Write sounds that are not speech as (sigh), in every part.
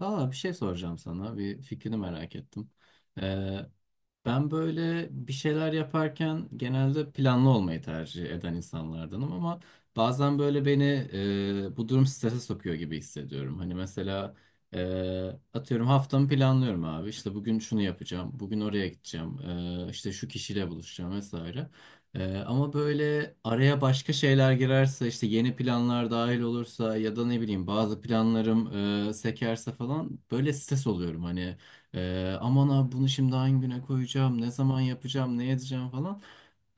Bir şey soracağım sana. Bir fikrini merak ettim. Ee, Ben böyle bir şeyler yaparken genelde planlı olmayı tercih eden insanlardanım ama bazen böyle beni bu durum strese sokuyor gibi hissediyorum. Hani mesela e, atıyorum haftamı planlıyorum abi. İşte bugün şunu yapacağım, bugün oraya gideceğim, işte şu kişiyle buluşacağım vesaire. Ama böyle araya başka şeyler girerse işte yeni planlar dahil olursa ya da ne bileyim bazı planlarım sekerse falan böyle stres oluyorum hani aman abi bunu şimdi hangi güne koyacağım, ne zaman yapacağım, ne edeceğim falan.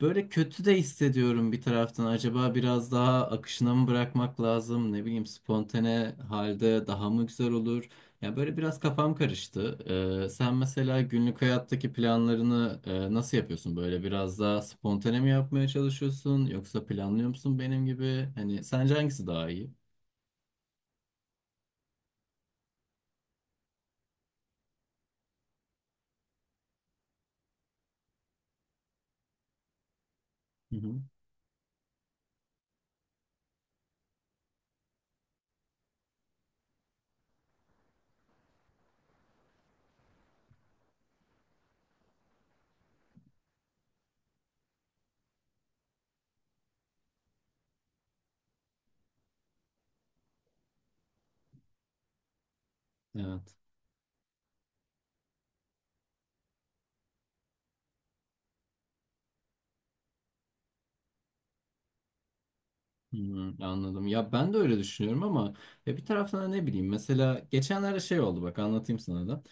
Böyle kötü de hissediyorum bir taraftan. Acaba biraz daha akışına mı bırakmak lazım? Ne bileyim, spontane halde daha mı güzel olur? Ya böyle biraz kafam karıştı. Sen mesela günlük hayattaki planlarını nasıl yapıyorsun? Böyle biraz daha spontane mi yapmaya çalışıyorsun? Yoksa planlıyor musun benim gibi? Hani sence hangisi daha iyi? Hı hı. Evet. Hmm, anladım. Ya ben de öyle düşünüyorum ama ya bir taraftan da ne bileyim, mesela geçenlerde şey oldu, bak anlatayım sana da.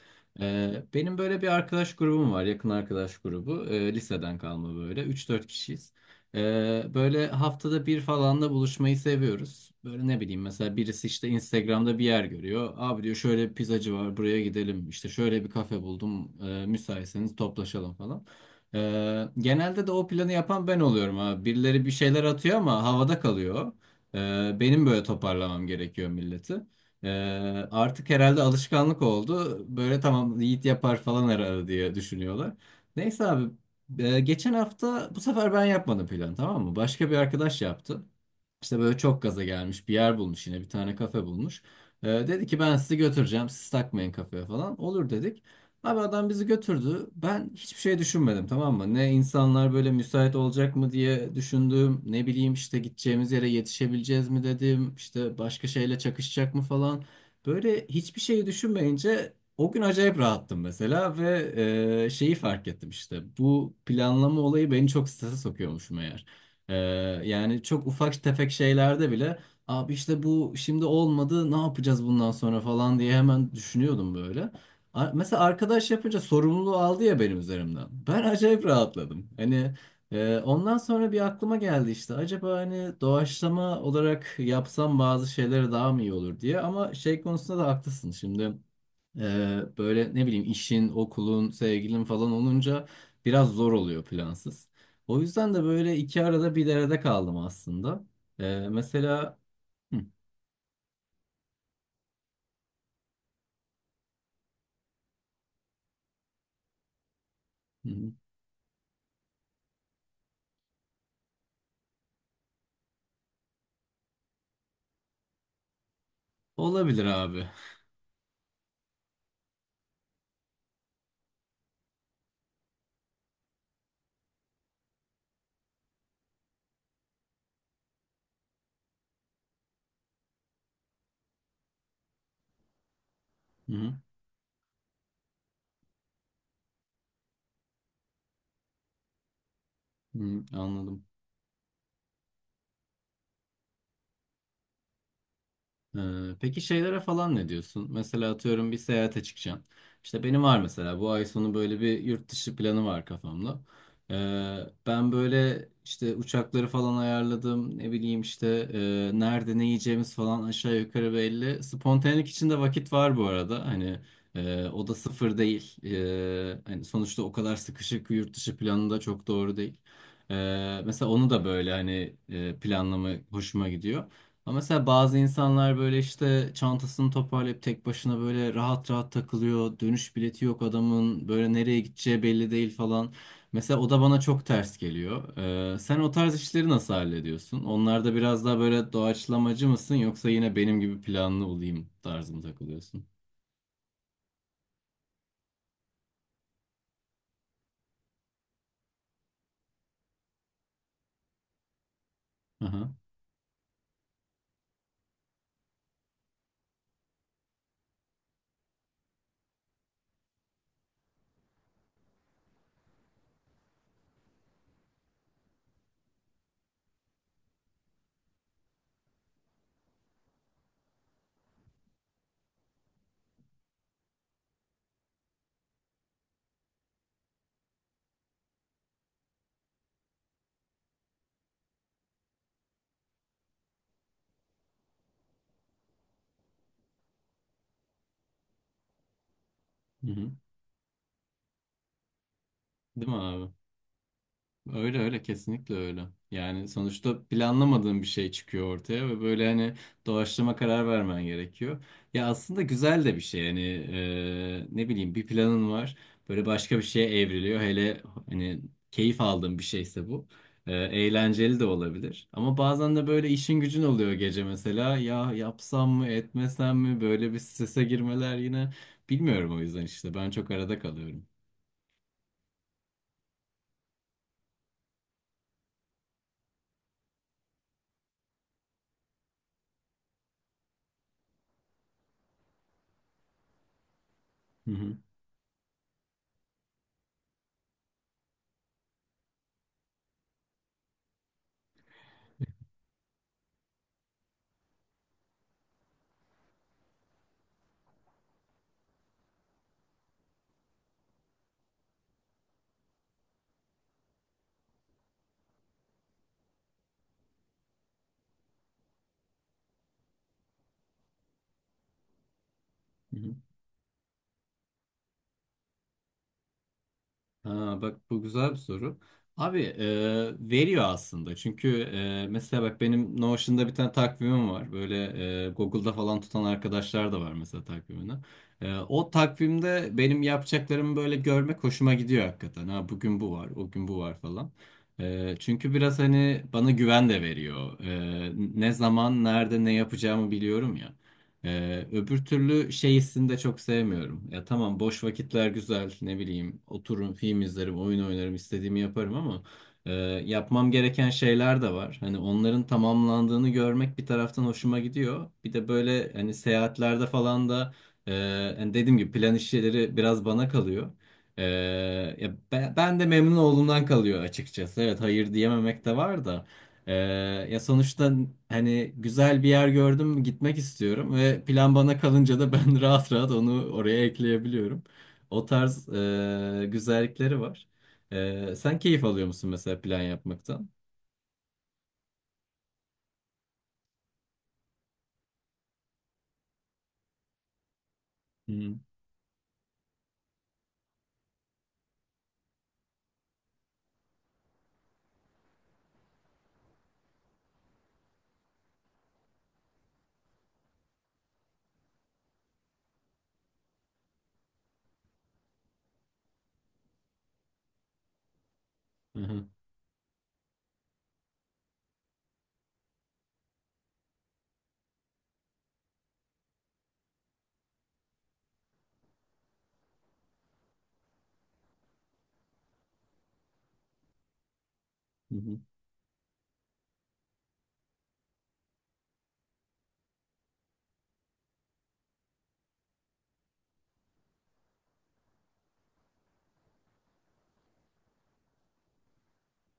Benim böyle bir arkadaş grubum var, yakın arkadaş grubu. Liseden kalma, böyle üç dört kişiyiz. Böyle haftada bir falan da buluşmayı seviyoruz. Böyle ne bileyim, mesela birisi işte Instagram'da bir yer görüyor. Abi diyor şöyle bir pizzacı var, buraya gidelim. İşte şöyle bir kafe buldum. Müsaitseniz toplaşalım falan. Genelde de o planı yapan ben oluyorum abi. Birileri bir şeyler atıyor ama havada kalıyor. Benim böyle toparlamam gerekiyor milleti. Ee, Artık herhalde alışkanlık oldu. Böyle tamam, Yiğit yapar falan herhalde diye düşünüyorlar. Neyse abi, geçen hafta bu sefer ben yapmadım plan, tamam mı? Başka bir arkadaş yaptı. İşte böyle çok gaza gelmiş, bir yer bulmuş, yine bir tane kafe bulmuş. Dedi ki ben sizi götüreceğim, siz takmayın kafaya falan. Olur dedik. Abi adam bizi götürdü. Ben hiçbir şey düşünmedim, tamam mı? Ne insanlar böyle müsait olacak mı diye düşündüm. Ne bileyim işte gideceğimiz yere yetişebileceğiz mi dedim. İşte başka şeyle çakışacak mı falan. Böyle hiçbir şeyi düşünmeyince o gün acayip rahattım mesela ve şeyi fark ettim işte. Bu planlama olayı beni çok strese sokuyormuş meğer. Ee, Yani çok ufak tefek şeylerde bile abi işte bu şimdi olmadı, ne yapacağız bundan sonra falan diye hemen düşünüyordum böyle. Mesela arkadaş yapınca sorumluluğu aldı ya benim üzerimden. Ben acayip rahatladım. Hani ondan sonra bir aklıma geldi işte, acaba hani doğaçlama olarak yapsam bazı şeyleri daha mı iyi olur diye, ama şey konusunda da haklısın şimdi. Böyle ne bileyim, işin, okulun, sevgilin falan olunca biraz zor oluyor plansız. O yüzden de böyle iki arada bir derede kaldım aslında. Mesela Hı, hı. Olabilir abi. Hı, hı, anladım. Peki şeylere falan ne diyorsun? Mesela atıyorum bir seyahate çıkacağım. İşte benim var mesela bu ay sonu böyle bir yurt dışı planı var kafamda. Ee, Ben böyle işte uçakları falan ayarladım. Ne bileyim işte nerede ne yiyeceğimiz falan aşağı yukarı belli. Spontanelik içinde vakit var bu arada. Hani o da sıfır değil. Hani sonuçta o kadar sıkışık yurt dışı planı da çok doğru değil. Mesela onu da böyle hani planlama hoşuma gidiyor. Ama mesela bazı insanlar böyle işte çantasını toparlayıp tek başına böyle rahat rahat takılıyor. Dönüş bileti yok adamın. Böyle nereye gideceği belli değil falan. Mesela o da bana çok ters geliyor. Sen o tarz işleri nasıl hallediyorsun? Onlarda biraz daha böyle doğaçlamacı mısın, yoksa yine benim gibi planlı olayım tarzında takılıyorsun? Aha. Hı hı. Değil mi abi? Öyle öyle, kesinlikle öyle. Yani sonuçta planlamadığın bir şey çıkıyor ortaya ve böyle hani doğaçlama karar vermen gerekiyor. Ya aslında güzel de bir şey hani, ne bileyim bir planın var, böyle başka bir şeye evriliyor. Hele hani keyif aldığın bir şeyse bu. E, eğlenceli de olabilir. Ama bazen de böyle işin gücün oluyor gece mesela, ya yapsam mı etmesem mi, böyle bir strese girmeler yine, bilmiyorum, o yüzden işte ben çok arada kalıyorum. Hı hı. Ha, bak bu güzel bir soru. Abi veriyor aslında. Çünkü mesela bak benim Notion'da bir tane takvimim var. Böyle Google'da falan tutan arkadaşlar da var mesela takvimini. E, o takvimde benim yapacaklarımı böyle görmek hoşuma gidiyor hakikaten. Ha, bugün bu var, o gün bu var falan. E, çünkü biraz hani bana güven de veriyor. E, ne zaman, nerede, ne yapacağımı biliyorum ya. Öbür türlü şey hissini de çok sevmiyorum. Ya tamam, boş vakitler güzel, ne bileyim otururum, film izlerim, oyun oynarım, istediğimi yaparım, ama e, yapmam gereken şeyler de var. Hani onların tamamlandığını görmek bir taraftan hoşuma gidiyor. Bir de böyle hani seyahatlerde falan da hani dediğim gibi plan işleri biraz bana kalıyor. E, ben de memnun olduğumdan kalıyor açıkçası. Evet, hayır diyememek de var da. Ee, Ya sonuçta hani güzel bir yer gördüm, gitmek istiyorum ve plan bana kalınca da ben (laughs) rahat rahat onu oraya ekleyebiliyorum. O tarz güzellikleri var. E, sen keyif alıyor musun mesela plan yapmaktan? Hı hı. Hı hı.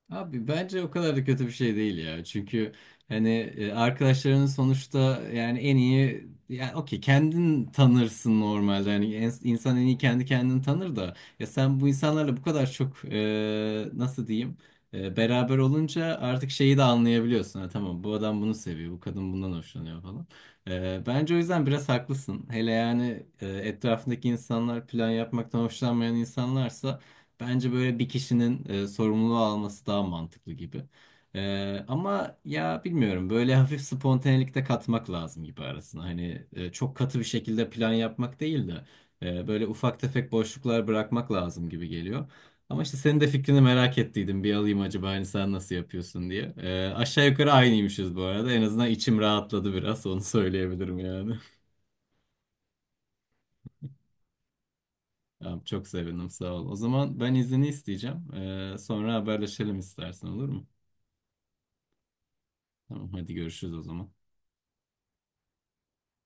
Abi bence o kadar da kötü bir şey değil ya. Çünkü hani arkadaşlarının sonuçta, yani en iyi, yani okey kendin tanırsın normalde. Hani insan en iyi kendi kendini tanır da, ya sen bu insanlarla bu kadar çok nasıl diyeyim, beraber olunca artık şeyi de anlayabiliyorsun. Ha, tamam bu adam bunu seviyor, bu kadın bundan hoşlanıyor falan. E, bence o yüzden biraz haklısın. Hele yani etrafındaki insanlar plan yapmaktan hoşlanmayan insanlarsa, bence böyle bir kişinin sorumluluğu alması daha mantıklı gibi. E, ama ya bilmiyorum, böyle (laughs) hafif spontanelik de katmak lazım gibi arasına. Hani çok katı bir şekilde plan yapmak değil de böyle ufak tefek boşluklar bırakmak lazım gibi geliyor. Ama işte senin de fikrini merak ettiydim. Bir alayım acaba hani sen nasıl yapıyorsun diye. E, aşağı yukarı aynıymışız bu arada. En azından içim rahatladı, biraz onu söyleyebilirim yani. (laughs) Tamam, çok sevindim, sağ ol. O zaman ben izni isteyeceğim. E, sonra haberleşelim istersen, olur mu? Tamam, hadi görüşürüz o zaman.